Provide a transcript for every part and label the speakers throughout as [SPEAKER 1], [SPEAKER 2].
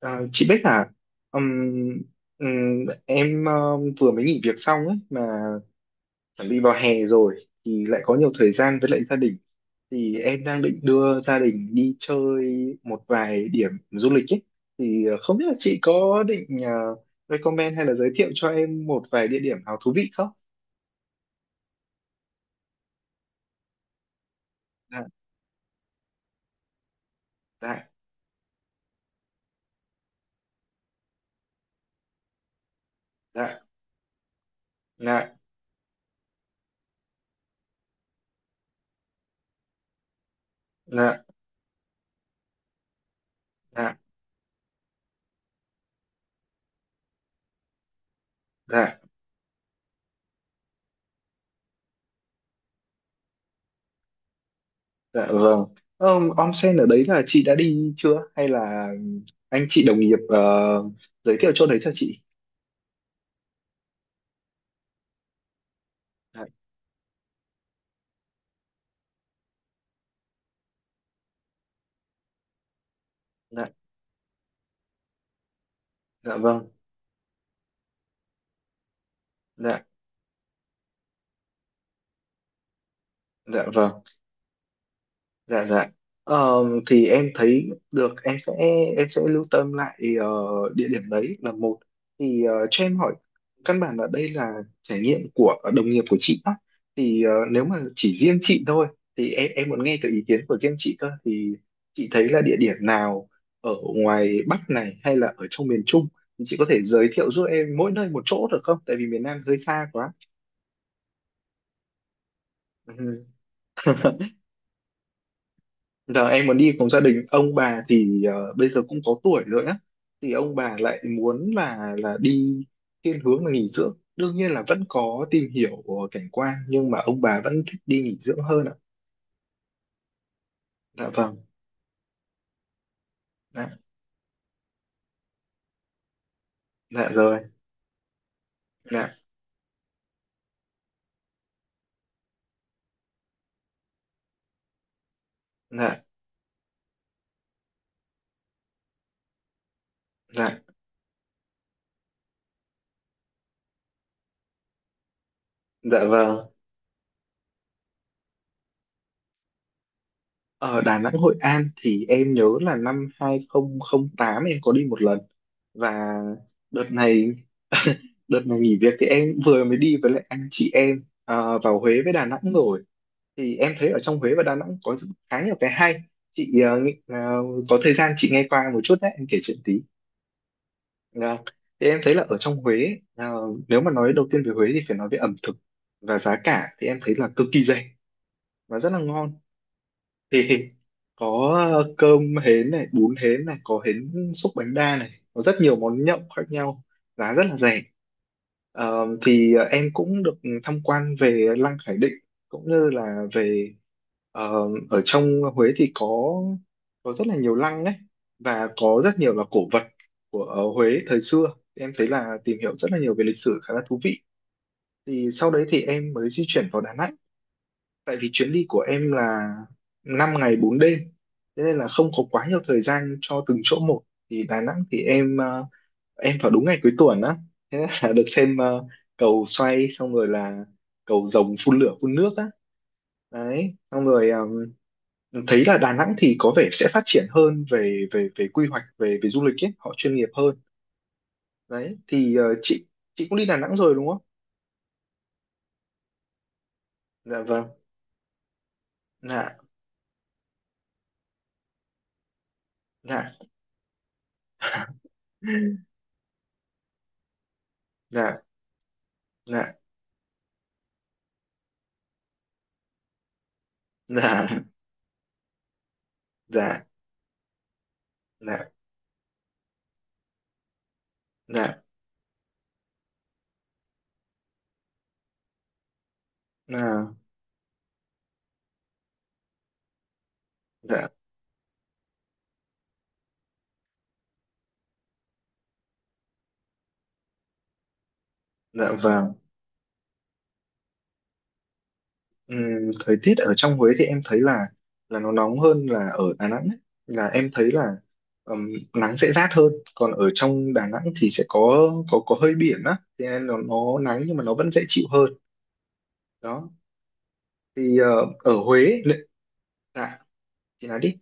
[SPEAKER 1] À, chị Bích à, Ừm, em vừa mới nghỉ việc xong ấy mà chuẩn bị vào hè rồi, thì lại có nhiều thời gian với lại gia đình, thì em đang định đưa gia đình đi chơi một vài điểm du lịch ấy. Thì không biết là chị có định recommend hay là giới thiệu cho em một vài địa điểm nào thú vị không? Dạ, dạ, dạ, dạ, dạ, dạ, dạ, dạ, vâng. Ờ, onsen ở đấy là chị đã đi chưa hay là anh chị đồng nghiệp giới thiệu chỗ đấy cho chị? Dạ, dạ, dạ vâng. Dạ, dạ vâng, dạ, dạ. Ờ, thì em thấy được, em sẽ lưu tâm lại địa điểm đấy là một. Thì cho em hỏi, căn bản là đây là trải nghiệm của đồng nghiệp của chị á, thì nếu mà chỉ riêng chị thôi, thì em muốn nghe từ ý kiến của riêng chị cơ, thì chị thấy là địa điểm nào ở ngoài Bắc này hay là ở trong miền Trung thì chị có thể giới thiệu giúp em mỗi nơi một chỗ được không, tại vì miền Nam hơi xa quá. Ừ. Giờ em muốn đi cùng gia đình ông bà, thì bây giờ cũng có tuổi rồi á, thì ông bà lại muốn là đi thiên hướng là nghỉ dưỡng, đương nhiên là vẫn có tìm hiểu của cảnh quan nhưng mà ông bà vẫn thích đi nghỉ dưỡng hơn ạ. Dạ vâng. Dạ, dạ rồi. Dạ, dạ, dạ, dạ vâng. Ở Đà Nẵng Hội An thì em nhớ là 2008 em có đi một lần, và đợt này đợt này nghỉ việc thì em vừa mới đi với lại anh chị em vào Huế với Đà Nẵng rồi. Thì em thấy ở trong Huế và Đà Nẵng có khá nhiều cái hay. Chị có thời gian chị nghe qua một chút đấy, em kể chuyện tí. Vâng. Thì em thấy là ở trong Huế nếu mà nói đầu tiên về Huế thì phải nói về ẩm thực, và giá cả thì em thấy là cực kỳ rẻ và rất là ngon. Thịt thịt có cơm hến này, bún hến này, có hến xúc bánh đa này, có rất nhiều món nhậu khác nhau, giá rất là rẻ. Ờ, thì em cũng được tham quan về Lăng Khải Định, cũng như là về ờ, ở trong Huế thì có rất là nhiều lăng đấy, và có rất nhiều là cổ vật của Huế thời xưa. Em thấy là tìm hiểu rất là nhiều về lịch sử khá là thú vị. Thì sau đấy thì em mới di chuyển vào Đà Nẵng, tại vì chuyến đi của em là 5 ngày 4 đêm, thế nên là không có quá nhiều thời gian cho từng chỗ một. Thì Đà Nẵng thì em em vào đúng ngày cuối tuần á, thế nên là được xem cầu xoay, xong rồi là cầu rồng phun lửa phun nước á. Đấy, xong rồi thấy là Đà Nẵng thì có vẻ sẽ phát triển hơn về về về quy hoạch, về về du lịch ấy, họ chuyên nghiệp hơn. Đấy, thì chị cũng đi Đà Nẵng rồi đúng không? Dạ vâng. Dạ, dạ. Dạ, dạ, dạ, dạ. Dạ, dạ, à, dạ, dạ vâng. Ừm, thời tiết ở trong Huế thì em thấy là nó nóng hơn là ở Đà Nẵng ấy. Là em thấy là ừm, nắng sẽ rát hơn, còn ở trong Đà Nẵng thì sẽ có có hơi biển á, thì nên nó nắng nhưng mà nó vẫn dễ chịu hơn. Đó. Thì ở Huế, lệ- dạ, chị nói đi.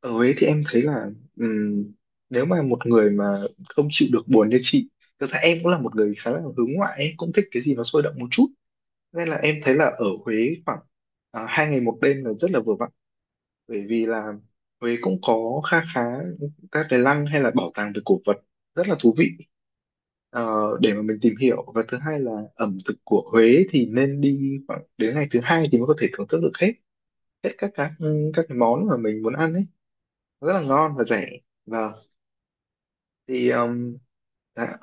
[SPEAKER 1] Ở Huế thì em thấy là ừm, nếu mà một người mà không chịu được buồn như chị, thực ra em cũng là một người khá là hướng ngoại ấy, cũng thích cái gì nó sôi động một chút, nên là em thấy là ở Huế khoảng 2 ngày 1 đêm là rất là vừa vặn, bởi vì là Huế cũng có kha khá các cái lăng hay là bảo tàng về cổ vật, rất là thú vị ờ, để mà mình tìm hiểu. Và thứ hai là ẩm thực của Huế thì nên đi khoảng đến ngày thứ hai thì mới có thể thưởng thức được hết hết các các cái món mà mình muốn ăn ấy, rất là ngon và rẻ. Vâng. Thì dạ.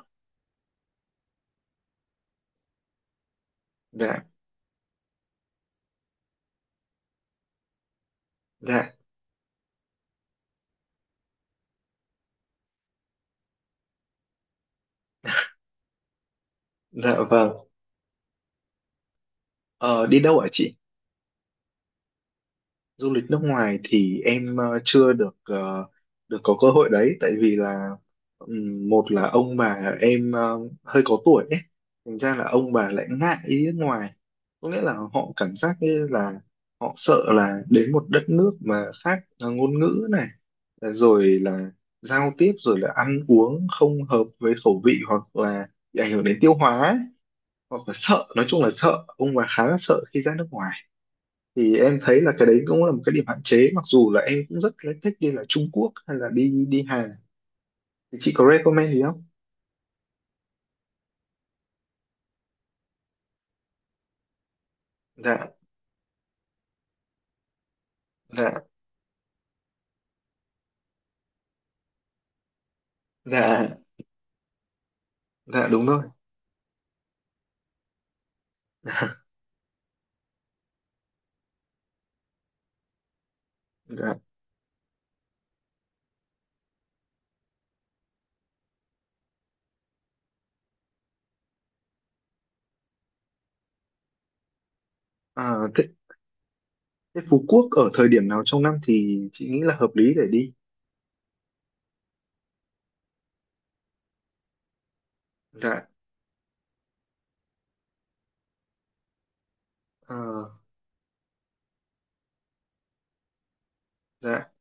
[SPEAKER 1] Dạ, dạ, dạ vâng. Ờ, đi đâu ạ chị? Du lịch nước ngoài thì em chưa được được có cơ hội đấy, tại vì là một là ông bà em hơi có tuổi ấy, thành ra là ông bà lại ngại đi nước ngoài, có nghĩa là họ cảm giác như là họ sợ là đến một đất nước mà khác ngôn ngữ này, rồi là giao tiếp rồi là ăn uống không hợp với khẩu vị, hoặc là bị ảnh hưởng đến tiêu hóa ấy. Hoặc là sợ, nói chung là sợ, ông bà khá là sợ khi ra nước ngoài. Thì em thấy là cái đấy cũng là một cái điểm hạn chế, mặc dù là em cũng rất là thích đi là Trung Quốc hay là đi đi Hàn. Thì chị có recommend gì không? Dạ, dạ, dạ, dạ đúng rồi. Dạ, à, thế, thế Phú Quốc ở thời điểm nào trong năm thì chị nghĩ là hợp lý để đi? Dạ, à, dạ,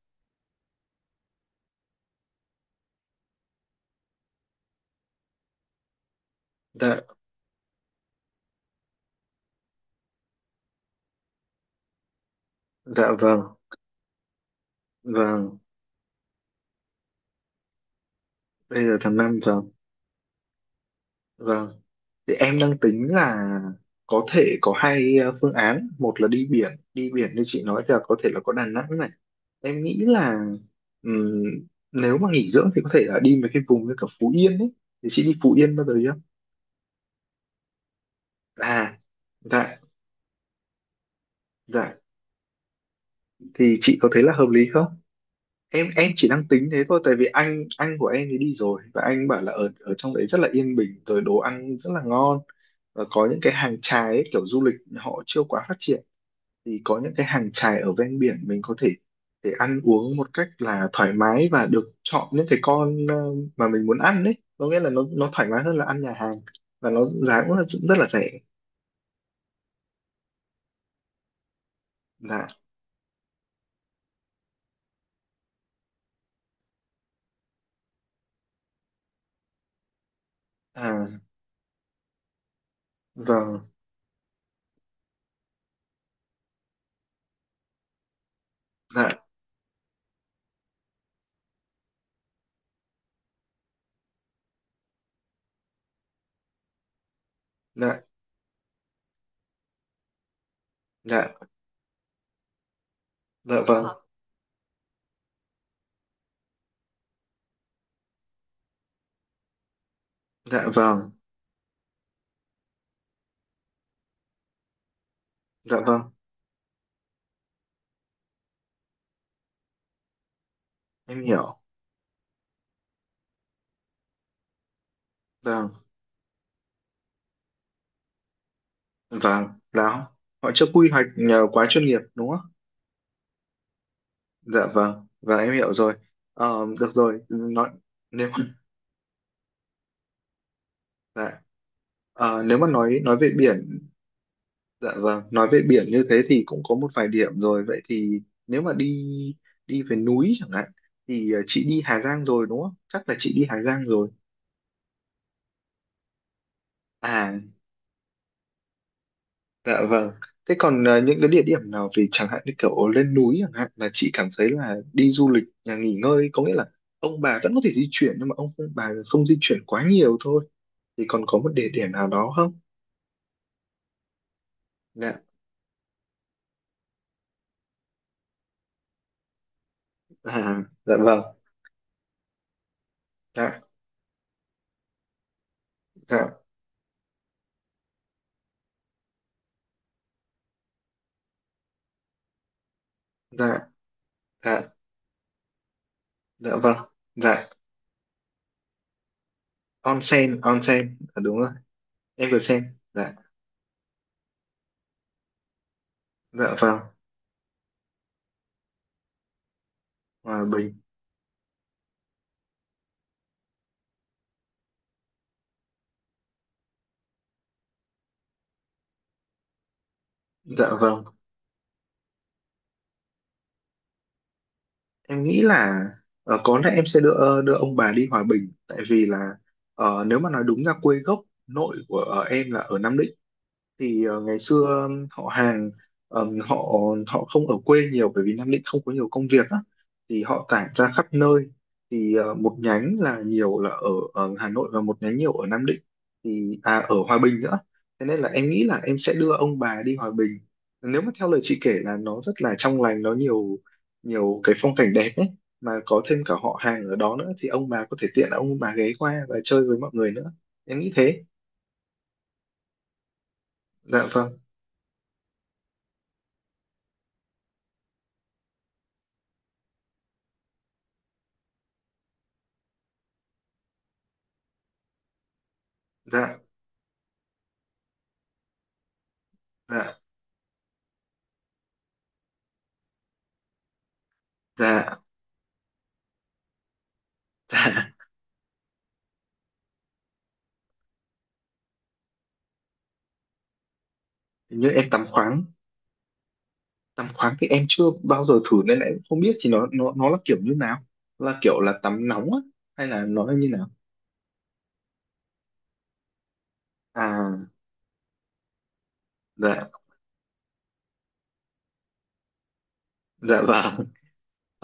[SPEAKER 1] dạ, dạ vâng. Vâng, bây giờ tháng năm, vâng. Vâng, thì em đang tính là có thể có hai phương án, một là đi biển, đi biển như chị nói là có thể là có Đà Nẵng. Em nghĩ là ừm, nếu mà nghỉ dưỡng thì có thể là đi mấy cái vùng như kiểu Phú Yên ấy. Thì chị đi Phú Yên bao giờ chưa? À, dạ, dạ. Thì chị có thấy là hợp lý không? Em chỉ đang tính thế thôi, tại vì anh của em thì đi rồi, và anh bảo là ở ở trong đấy rất là yên bình, rồi đồ ăn rất là ngon, và có những cái hàng chài ấy, kiểu du lịch họ chưa quá phát triển, thì có những cái hàng chài ở ven biển mình có thể để ăn uống một cách là thoải mái, và được chọn những cái con mà mình muốn ăn đấy, có nghĩa là nó thoải mái hơn là ăn nhà hàng, và nó giá cũng là rất là rẻ. Dạ, à vâng. Dạ, dạ, dạ, dạ vâng. Dạ vâng. Dạ vâng. Em hiểu. Vâng, vâng. Đó, họ chưa quy hoạch quá chuyên nghiệp đúng không? Dạ vâng, và em hiểu rồi. Ờ, được rồi, nói nếu mà dạ. Ờ, nếu mà nói về biển. Dạ vâng, nói về biển như thế thì cũng có một vài điểm rồi. Vậy thì nếu mà đi đi về núi chẳng hạn, thì chị đi Hà Giang rồi đúng không? Chắc là chị đi Hà Giang rồi. À, dạ vâng. Thế còn những cái địa điểm nào về, chẳng hạn như kiểu lên núi chẳng hạn, mà chị cảm thấy là đi du lịch nhà nghỉ ngơi, có nghĩa là ông bà vẫn có thể di chuyển nhưng mà ông bà không di chuyển quá nhiều thôi, thì còn có một địa điểm nào đó không? Dạ. À, dạ vâng. Dạ, dạ, dạ, dạ, dạ vâng. Dạ, onsen, onsen, à, đúng rồi. Em vừa xem. Dạ, dạ vâng. Hòa Bình. Dạ vâng, em nghĩ là có lẽ em sẽ đưa đưa ông bà đi Hòa Bình, tại vì là nếu mà nói đúng ra, quê gốc nội của em là ở Nam Định. Thì ngày xưa họ hàng họ họ không ở quê nhiều, bởi vì Nam Định không có nhiều công việc á, thì họ tản ra khắp nơi. Thì một nhánh là nhiều là ở, ở Hà Nội, và một nhánh nhiều ở Nam Định, thì à, ở Hòa Bình nữa. Thế nên là em nghĩ là em sẽ đưa ông bà đi Hòa Bình. Nếu mà theo lời chị kể là nó rất là trong lành, nó nhiều nhiều cái phong cảnh đẹp ấy, mà có thêm cả họ hàng ở đó nữa, thì ông bà có thể tiện là ông bà ghé qua và chơi với mọi người nữa. Em nghĩ thế. Dạ vâng. Dạ, dạ, dạ. Dạ, hình như em tắm khoáng. Tắm khoáng thì em chưa bao giờ thử, nên em không biết thì nó là kiểu như nào, là kiểu là tắm nóng á hay là nó là như nào? À, dạ, dạ vâng.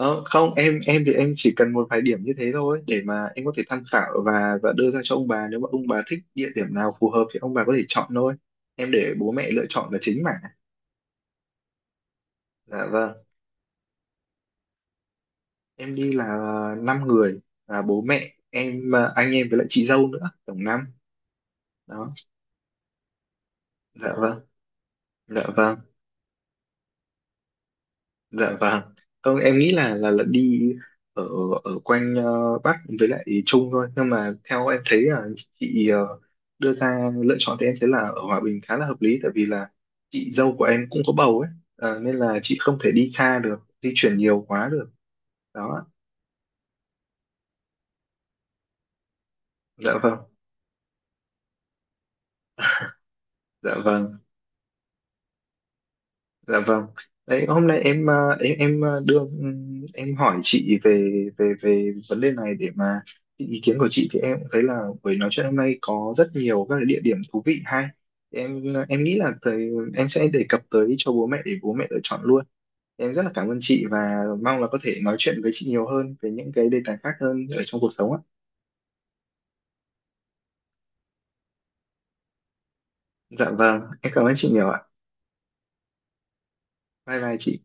[SPEAKER 1] Ờ, không, em thì em chỉ cần một vài điểm như thế thôi, để mà em có thể tham khảo và đưa ra cho ông bà, nếu mà ông bà thích địa điểm nào phù hợp thì ông bà có thể chọn thôi. Em để bố mẹ lựa chọn là chính mà. Dạ vâng. Em đi là 5 người, là bố mẹ em, à, anh em với lại chị dâu nữa, tổng năm. Đó. Dạ vâng. Dạ vâng. Dạ vâng. Không, em nghĩ là đi ở ở quanh Bắc với lại Trung thôi. Nhưng mà theo em thấy là chị đưa ra lựa chọn, thì em thấy là ở Hòa Bình khá là hợp lý, tại vì là chị dâu của em cũng có bầu ấy. Ờ, nên là chị không thể đi xa được, di chuyển nhiều quá được. Đó. Dạ vâng. Dạ vâng. Dạ vâng. Đấy, hôm nay em ờ, đưa em hỏi chị về về về vấn đề này, để mà xin ý kiến của chị, thì em cũng thấy là buổi nói chuyện hôm nay có rất nhiều các cái địa điểm thú vị hay. Thì em em nghĩ là thời, em sẽ đề cập tới cho bố mẹ để bố mẹ lựa chọn luôn. Thì em rất là cảm ơn chị, và mong là có thể nói chuyện với chị nhiều hơn về những cái đề tài khác hơn ở trong cuộc sống ạ. Dạ vâng, em cảm ơn chị nhiều ạ. Bye bye chị.